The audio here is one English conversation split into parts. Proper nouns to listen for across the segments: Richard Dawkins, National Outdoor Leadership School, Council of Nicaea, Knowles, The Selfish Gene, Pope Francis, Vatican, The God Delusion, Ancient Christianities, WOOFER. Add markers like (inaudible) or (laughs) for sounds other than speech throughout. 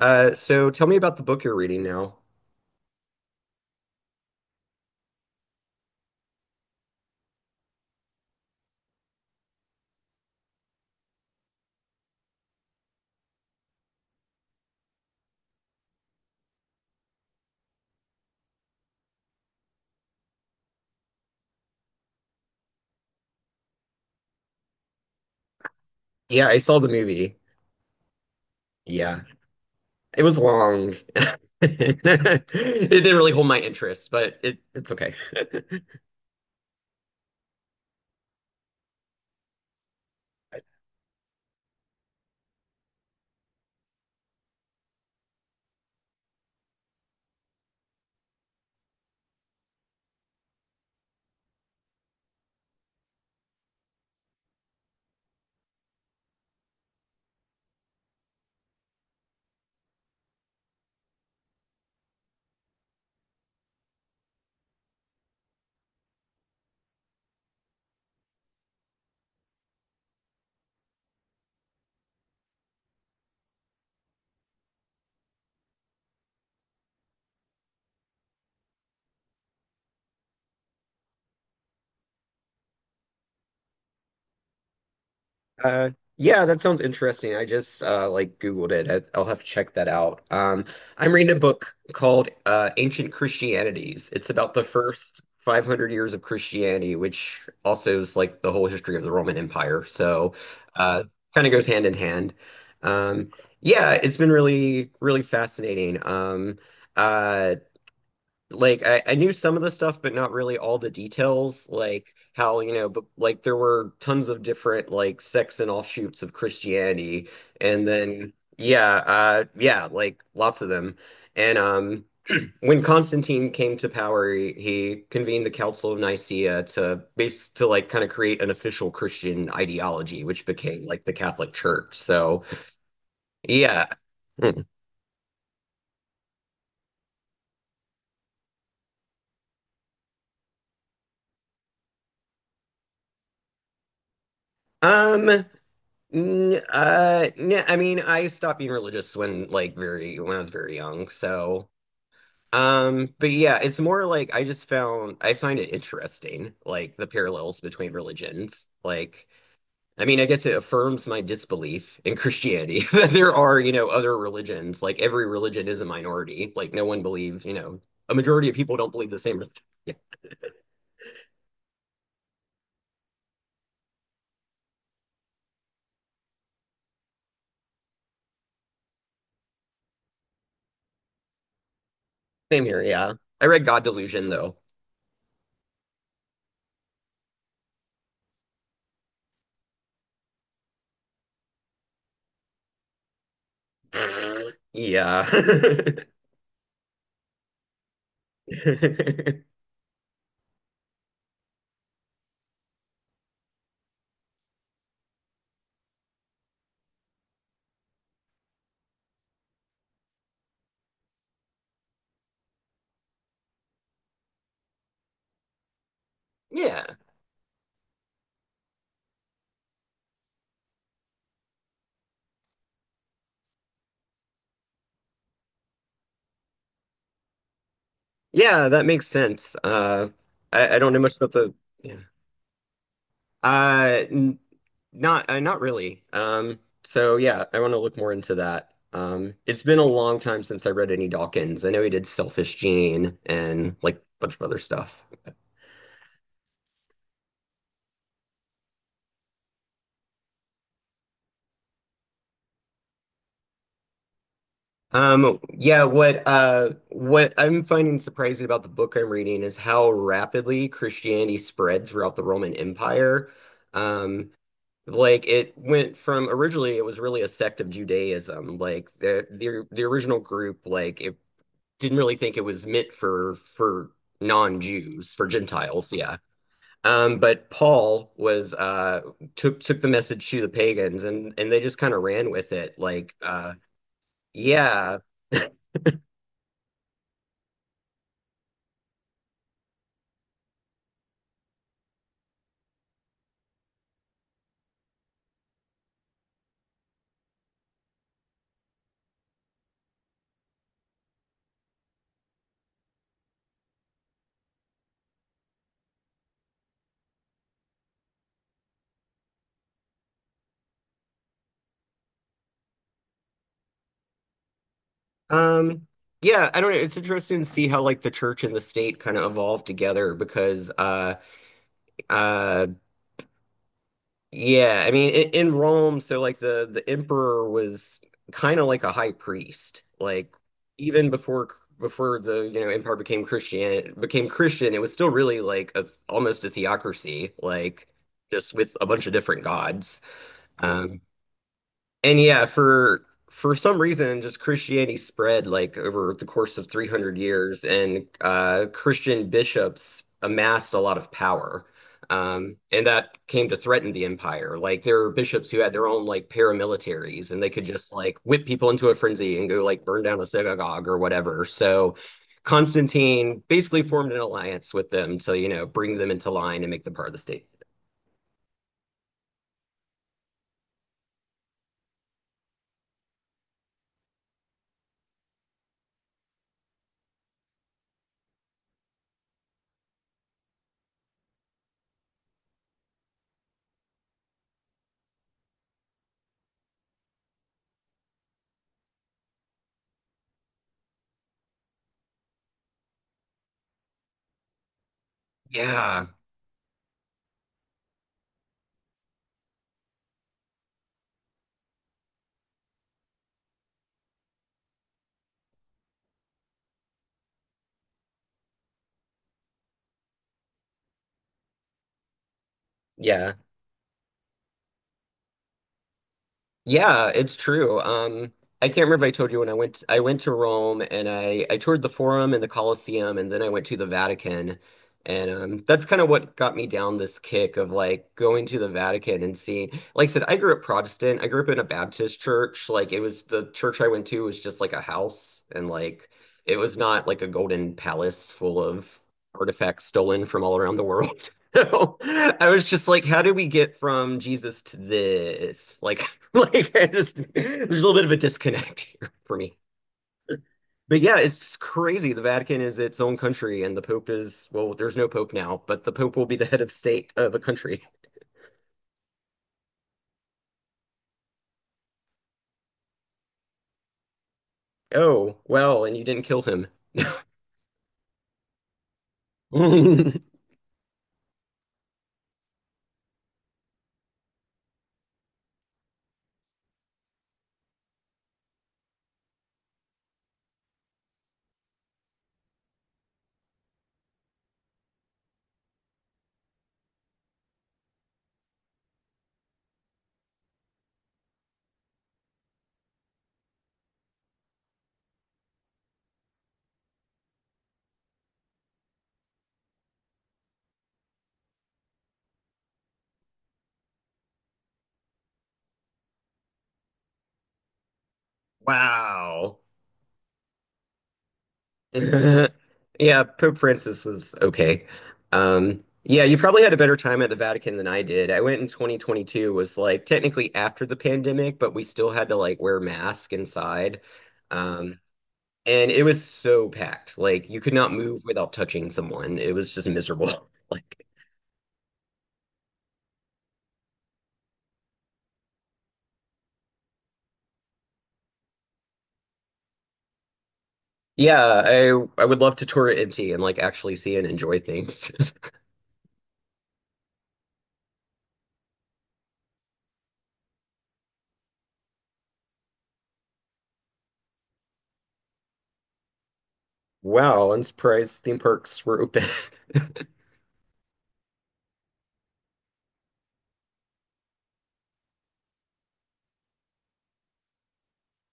So tell me about the book you're reading now. Yeah, I saw the movie. Yeah, it was long. (laughs) It didn't really hold my interest, but it's okay. (laughs) Uh, yeah, that sounds interesting. I just like Googled it. I'll have to check that out. I'm reading a book called Ancient Christianities. It's about the first 500 years of Christianity, which also is like the whole history of the Roman Empire. So, uh, kind of goes hand in hand. Um, yeah, it's been really, really fascinating. Uh, like I knew some of the stuff, but not really all the details, like how, you know, but like there were tons of different like sects and offshoots of Christianity. And then yeah, yeah, like lots of them. And when Constantine came to power, he convened the Council of Nicaea to base to like kind of create an official Christian ideology, which became like the Catholic Church. So yeah. Hmm. Um, I mean, I stopped being religious when like very when I was very young. So, but yeah, it's more like I just found I find it interesting, like the parallels between religions. Like, I mean, I guess it affirms my disbelief in Christianity (laughs) that there are, you know, other religions. Like every religion is a minority. Like no one believes, you know, a majority of people don't believe the same. Religion. Yeah, same here. Yeah, I read God Delusion though. (laughs) Yeah. (laughs) Yeah. Yeah, that makes sense. I don't know much about the yeah. N not not really. So yeah, I want to look more into that. It's been a long time since I read any Dawkins. I know he did Selfish Gene and like a bunch of other stuff. Yeah, what I'm finding surprising about the book I'm reading is how rapidly Christianity spread throughout the Roman Empire. Um. Like it went from originally it was really a sect of Judaism. Like the original group, like it didn't really think it was meant for non-Jews, for Gentiles, yeah. But Paul was took the message to the pagans and they just kind of ran with it. Like yeah. Um yeah, I don't know. It's interesting to see how like the church and the state kind of evolved together because uh yeah, I mean, in Rome, so like the emperor was kind of like a high priest. Like even before before the you know empire became Christian, it was still really like a almost a theocracy, like just with a bunch of different gods. Um, and yeah, for some reason, just Christianity spread like over the course of 300 years, and Christian bishops amassed a lot of power. And that came to threaten the empire. Like there were bishops who had their own like paramilitaries, and they could just like whip people into a frenzy and go like burn down a synagogue or whatever. So Constantine basically formed an alliance with them to, you know, bring them into line and make them part of the state. Yeah. Yeah. Yeah, it's true. I can't remember if I told you when I went to Rome and I toured the Forum and the Colosseum and then I went to the Vatican. And that's kind of what got me down this kick of like going to the Vatican and seeing, like I said, I grew up Protestant. I grew up in a Baptist church. Like it was the church I went to was just like a house and like it was not like a golden palace full of artifacts stolen from all around the world. (laughs) So I was just like, how do we get from Jesus to this? Like, (laughs) (laughs) like, I just, there's a little bit of a disconnect here for me. But yeah, it's crazy. The Vatican is its own country, and the Pope is, well, there's no Pope now, but the Pope will be the head of state of a country. Oh, well, and you didn't kill him. (laughs) Wow. (laughs) Yeah, Pope Francis was okay. Yeah, you probably had a better time at the Vatican than I did. I went in 2022, was like technically after the pandemic, but we still had to like wear mask inside. Um, And it was so packed. Like you could not move without touching someone. It was just miserable. (laughs) Like yeah, I would love to tour it empty and like actually see and enjoy things. (laughs) Wow, I'm surprised theme parks were open. (laughs)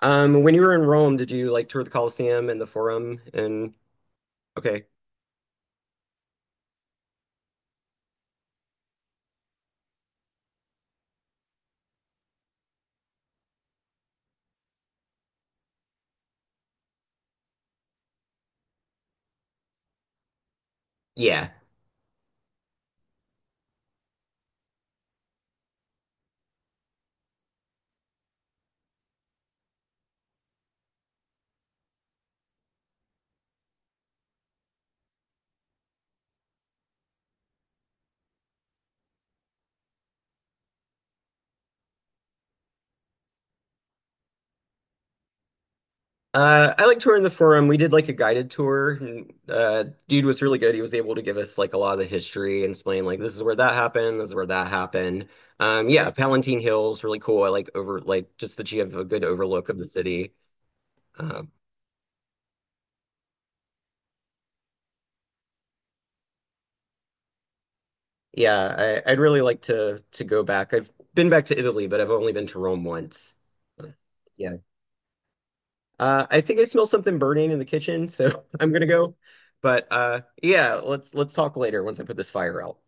When you were in Rome, did you like tour the Colosseum and the Forum and okay. Yeah. I like touring the forum. We did like a guided tour, and dude was really good. He was able to give us like a lot of the history and explain like this is where that happened, this is where that happened. Yeah, Palatine Hill's really cool. I like over like just that you have a good overlook of the city. Um, yeah, I'd really like to go back. I've been back to Italy, but I've only been to Rome once. Yeah. I think I smell something burning in the kitchen, so (laughs) I'm gonna go. But yeah, let's talk later once I put this fire out.